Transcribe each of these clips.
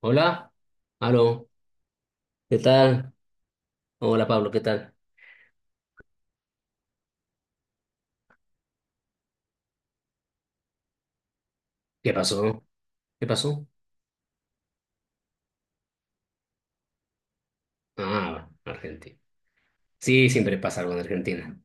Hola, aló, ¿qué tal? Hola Pablo, ¿qué tal? ¿Qué pasó? ¿Qué pasó? Ah, Argentina. Sí, siempre pasa algo en Argentina.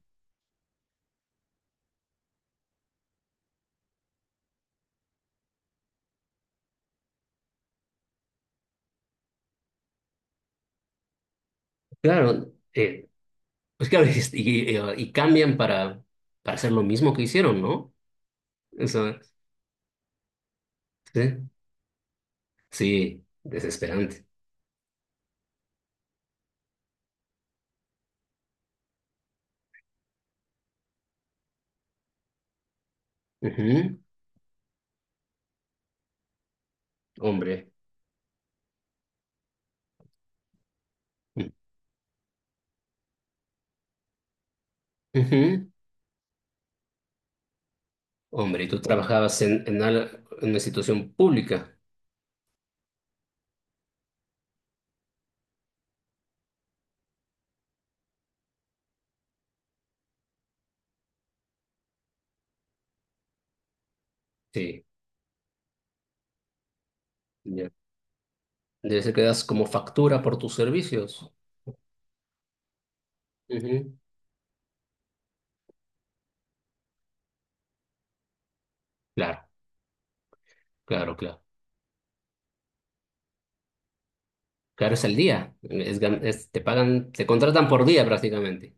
Claro, pues claro, y cambian para hacer lo mismo que hicieron, ¿no? Eso, sí, sí, desesperante. Ujú. Hombre. Ujú. Hombre, y tú trabajabas en una institución pública. Sí, ya. Debe ser que das como factura por tus servicios. Ujú. Claro, claro, claro. Claro, es al día. Te pagan, te contratan por día prácticamente.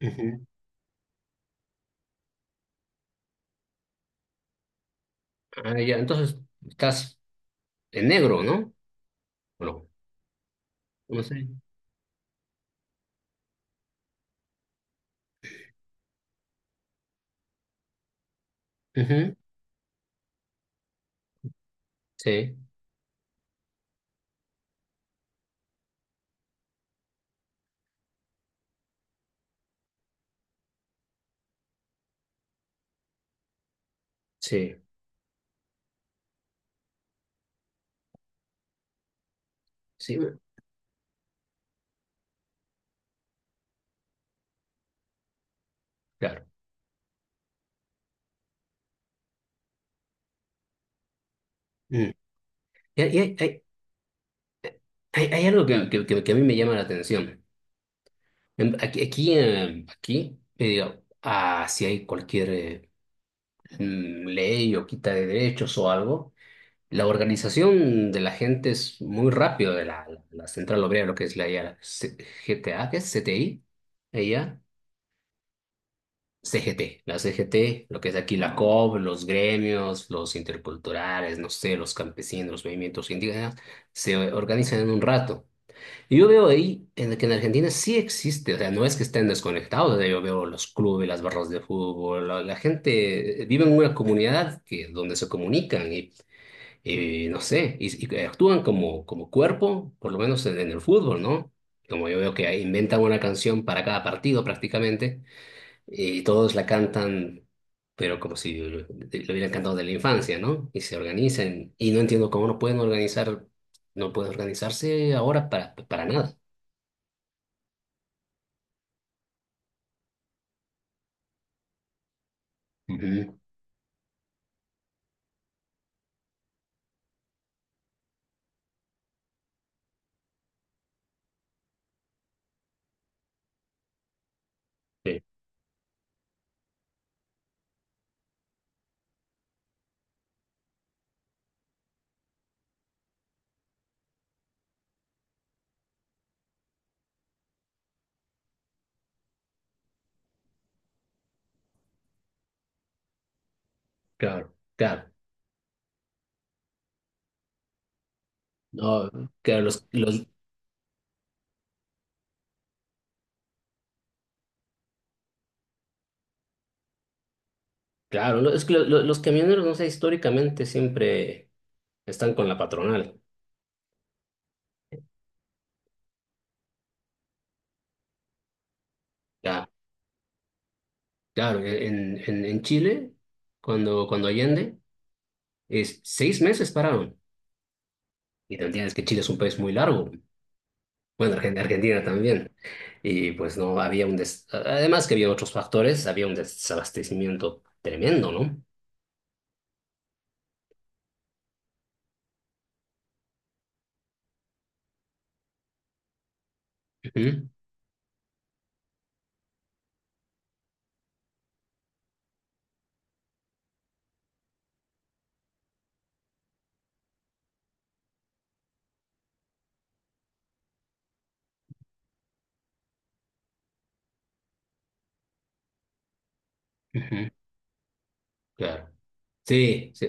Ujú. Ah, ya, entonces estás en negro, ¿no? ¿O no? No sé. Ujú. Sí, sí, sí, claro. Mm. Y hay algo que a mí me llama la atención. Aquí, aquí me digo, ah, si hay cualquier ley o quita de derechos o algo. La organización de la gente es muy rápido de la Central Obrera, lo que es la, ya GTA. ¿Qué es CTI? Ella, CGT, la CGT, lo que es aquí la COB, los gremios, los interculturales, no sé, los campesinos, los movimientos indígenas, se organizan en un rato. Y yo veo ahí en, que en Argentina sí existe, o sea, no es que estén desconectados, o sea, yo veo los clubes, las barras de fútbol, la gente vive en una comunidad que, donde se comunican y no sé, y actúan como, como cuerpo, por lo menos en el fútbol, ¿no? Como yo veo que inventan una canción para cada partido prácticamente, y todos la cantan, pero como si lo hubieran cantado de la infancia, ¿no? Y se organizan, y no entiendo cómo no pueden organizar, no pueden organizarse ahora para nada. Ujú. Sí, claro, claro. No, claro, claro, no, es que los camioneros, no sé, históricamente siempre están con la patronal. Ya. Claro, en Chile, cuando Allende, es 6 meses pararon. Y te entiendes que Chile es un país muy largo. Bueno, Argentina también. Y pues no había un des... Además que había otros factores, había un desabastecimiento tremendo, ¿no? Ujú. Ujú. Claro. Sí, sí.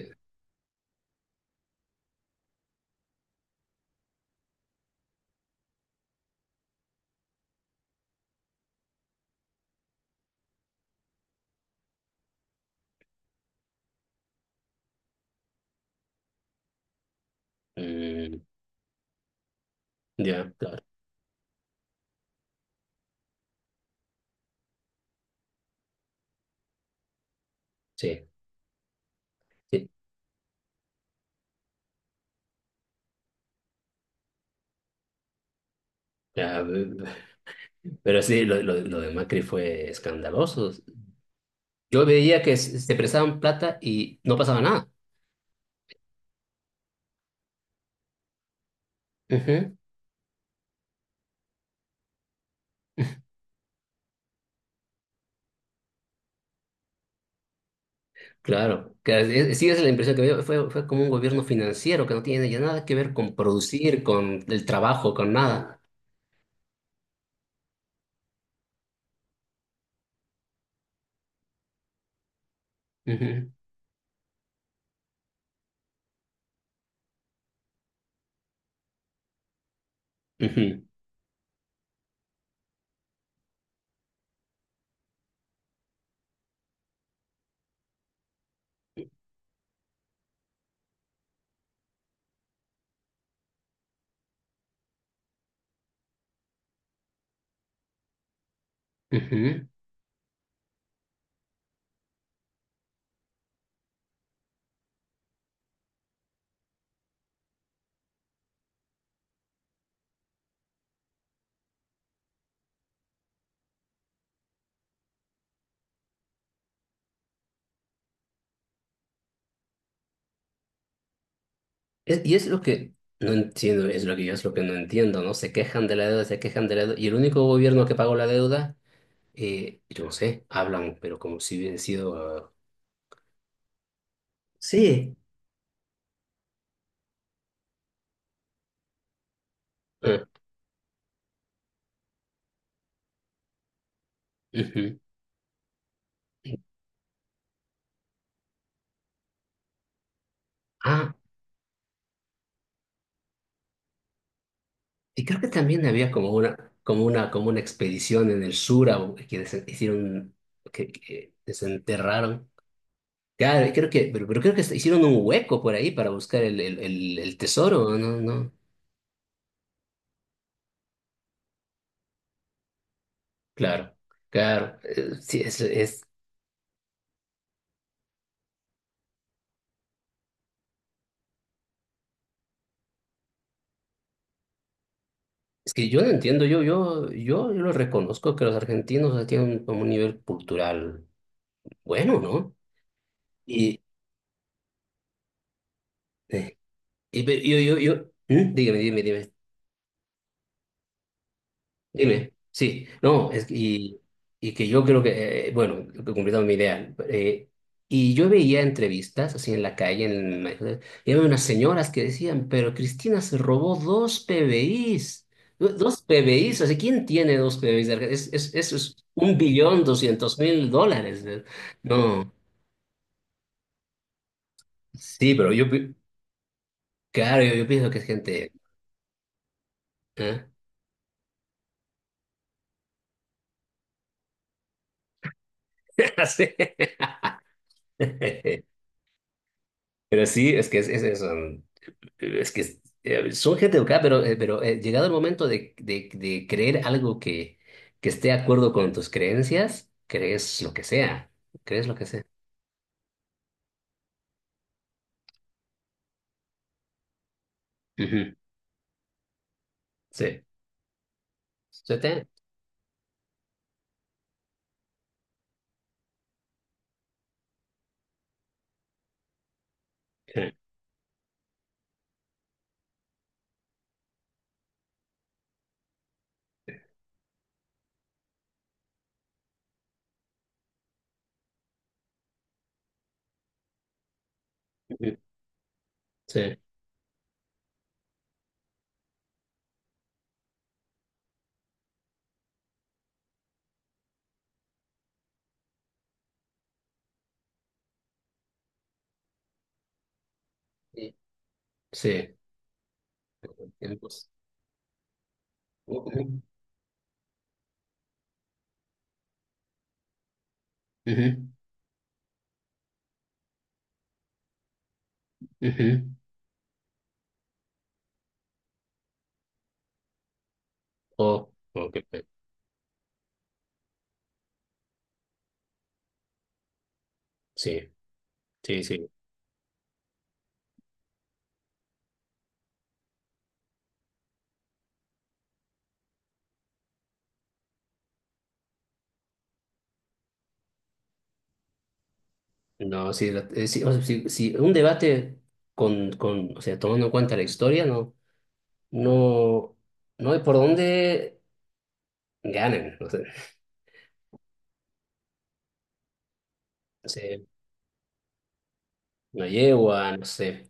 Mm, ya, claro. Sí, sí. Ya, pero sí, lo de Macri fue escandaloso. Yo veía que se prestaban plata y no pasaba nada. Ujú. Claro, sí, esa es la impresión que me dio. Fue como un gobierno financiero que no tiene ya nada que ver con producir, con el trabajo, con nada. Ujú. Ujú. Ujú. Y es lo que no entiendo, es lo que yo es lo que no entiendo, ¿no? Se quejan de la deuda, se quejan de la deuda. Y el único gobierno que pagó la deuda, yo no sé, hablan, pero como si hubiera sido... Ah. Sí. Ah. Ah. Ujú. Ah. Y creo que también había como una, como una expedición en el sur hicieron, que desenterraron. Claro, creo que, pero creo que hicieron un hueco por ahí para buscar el tesoro, ¿no? No, claro, claro. Sí, es que yo no entiendo, yo lo reconozco que los argentinos o tienen como un nivel cultural bueno, ¿no? Y, eh, yo. ¿Mm? Dígame, dime, dime. Dime, sí, no, y que yo creo que, bueno, lo que completaba mi idea. Y yo veía entrevistas así en la calle, y había unas señoras que decían, pero Cristina se robó dos PBIs, dos PBIs, o sea, ¿quién tiene dos PBIs de eso es un billón doscientos mil dólares? ¿Eh? No, sí, pero claro, yo pienso que es gente. ¿Eh? Así. Pero sí, es eso. Es que son gente educada, pero llegado el momento de creer algo que esté de acuerdo con tus creencias, crees lo que sea, crees lo que sea. Ujú. Sí. ¿Se te? Sí. Ujú. Sí. Sí. Sí. Tiempos. Ujú. Ujú. Ujú. Oh. Oh, qué pe-. Sí, sí, sí. No, sí, sí, o sea, sí, sí, un debate con, o sea, tomando en cuenta la historia, no, no, no hay por dónde. Ganan, no sé, no sé, no yegua, no sé.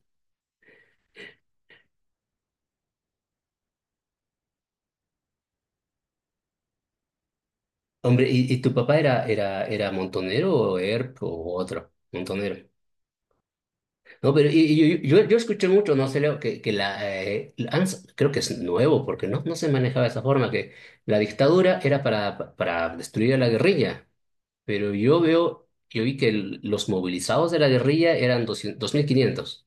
Hombre, y tu papá era, montonero o ERP o otro? Montonero. No, pero y yo, yo escuché mucho, no sé, Leo, que la ANS, creo que es nuevo, porque no, no se manejaba de esa forma, que la dictadura era para destruir a la guerrilla, pero yo veo, yo vi que los movilizados de la guerrilla eran 202.500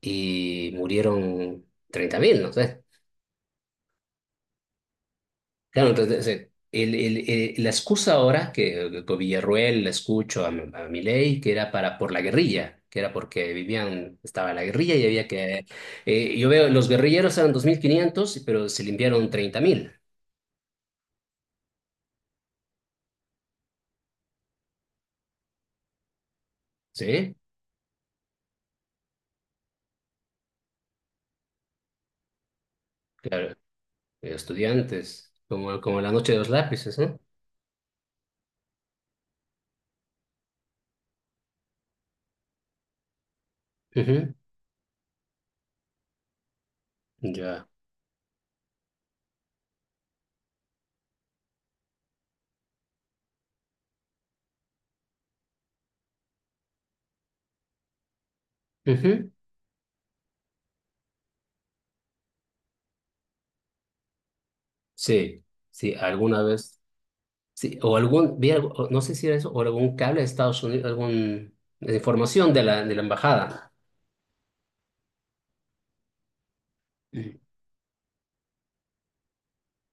y murieron 30.000, no sé. Claro, entonces, la excusa ahora que con Villarruel la escucho a, a Milei, que era para por la guerrilla, que era porque vivían, estaba la guerrilla y había que yo veo los guerrilleros eran 2.500 pero se limpiaron 30.000. ¿Sí? Claro, estudiantes, como la noche de los lápices, ¿no? Ujú. Ya. Ujú. Sí, sí, alguna vez sí, o algún vi algo, o no sé si era eso o algún cable de Estados Unidos, algún información de la embajada.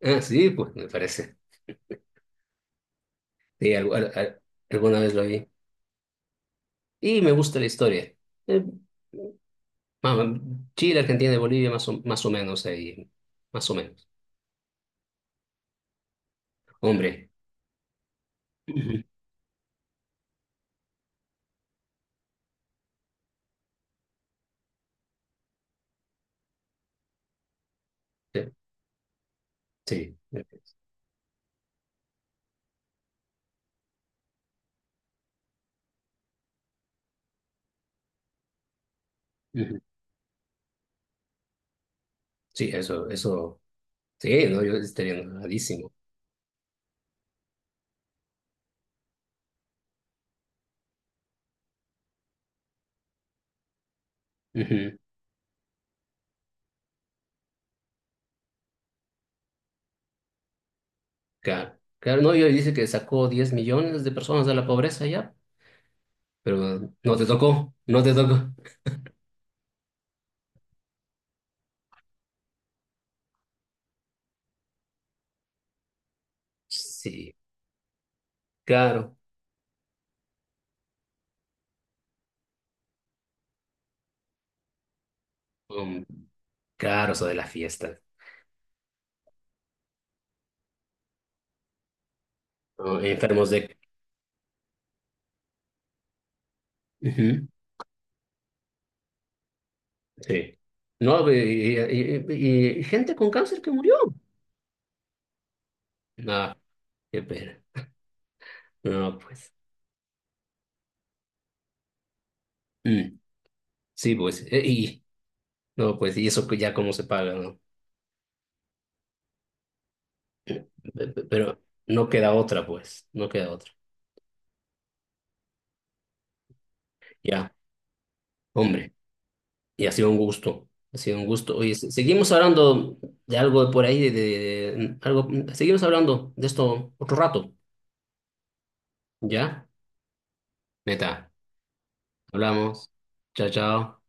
Ah, sí, pues me parece. Sí, alguna vez lo vi. Y me gusta la historia. Eh, vamos, Chile, Argentina y Bolivia, más o menos ahí. Más o menos. Hombre. Ujú. Sí, sí. Ujú. Sí, eso, eso. Sí, no, yo estaría enojadísimo. Ujú. Claro. Claro, no, yo dice que sacó 10 millones de personas de la pobreza ya, pero no te tocó, no te tocó. Sí, claro. Um, claro, eso de la fiesta. ¿No? Enfermos de... Ujú. Sí. No, y gente con cáncer que murió. No, qué pena. No, pues. Mm, sí, pues. Y, no, pues, y eso que ya cómo se paga, ¿no? Pero no queda otra, pues. No queda otra. Ya, hombre. Y ha sido un gusto. Ha sido un gusto. Oye, seguimos hablando de algo de por ahí, algo. Seguimos hablando de esto otro rato. ¿Ya? Neta. Hablamos. Chao, chao.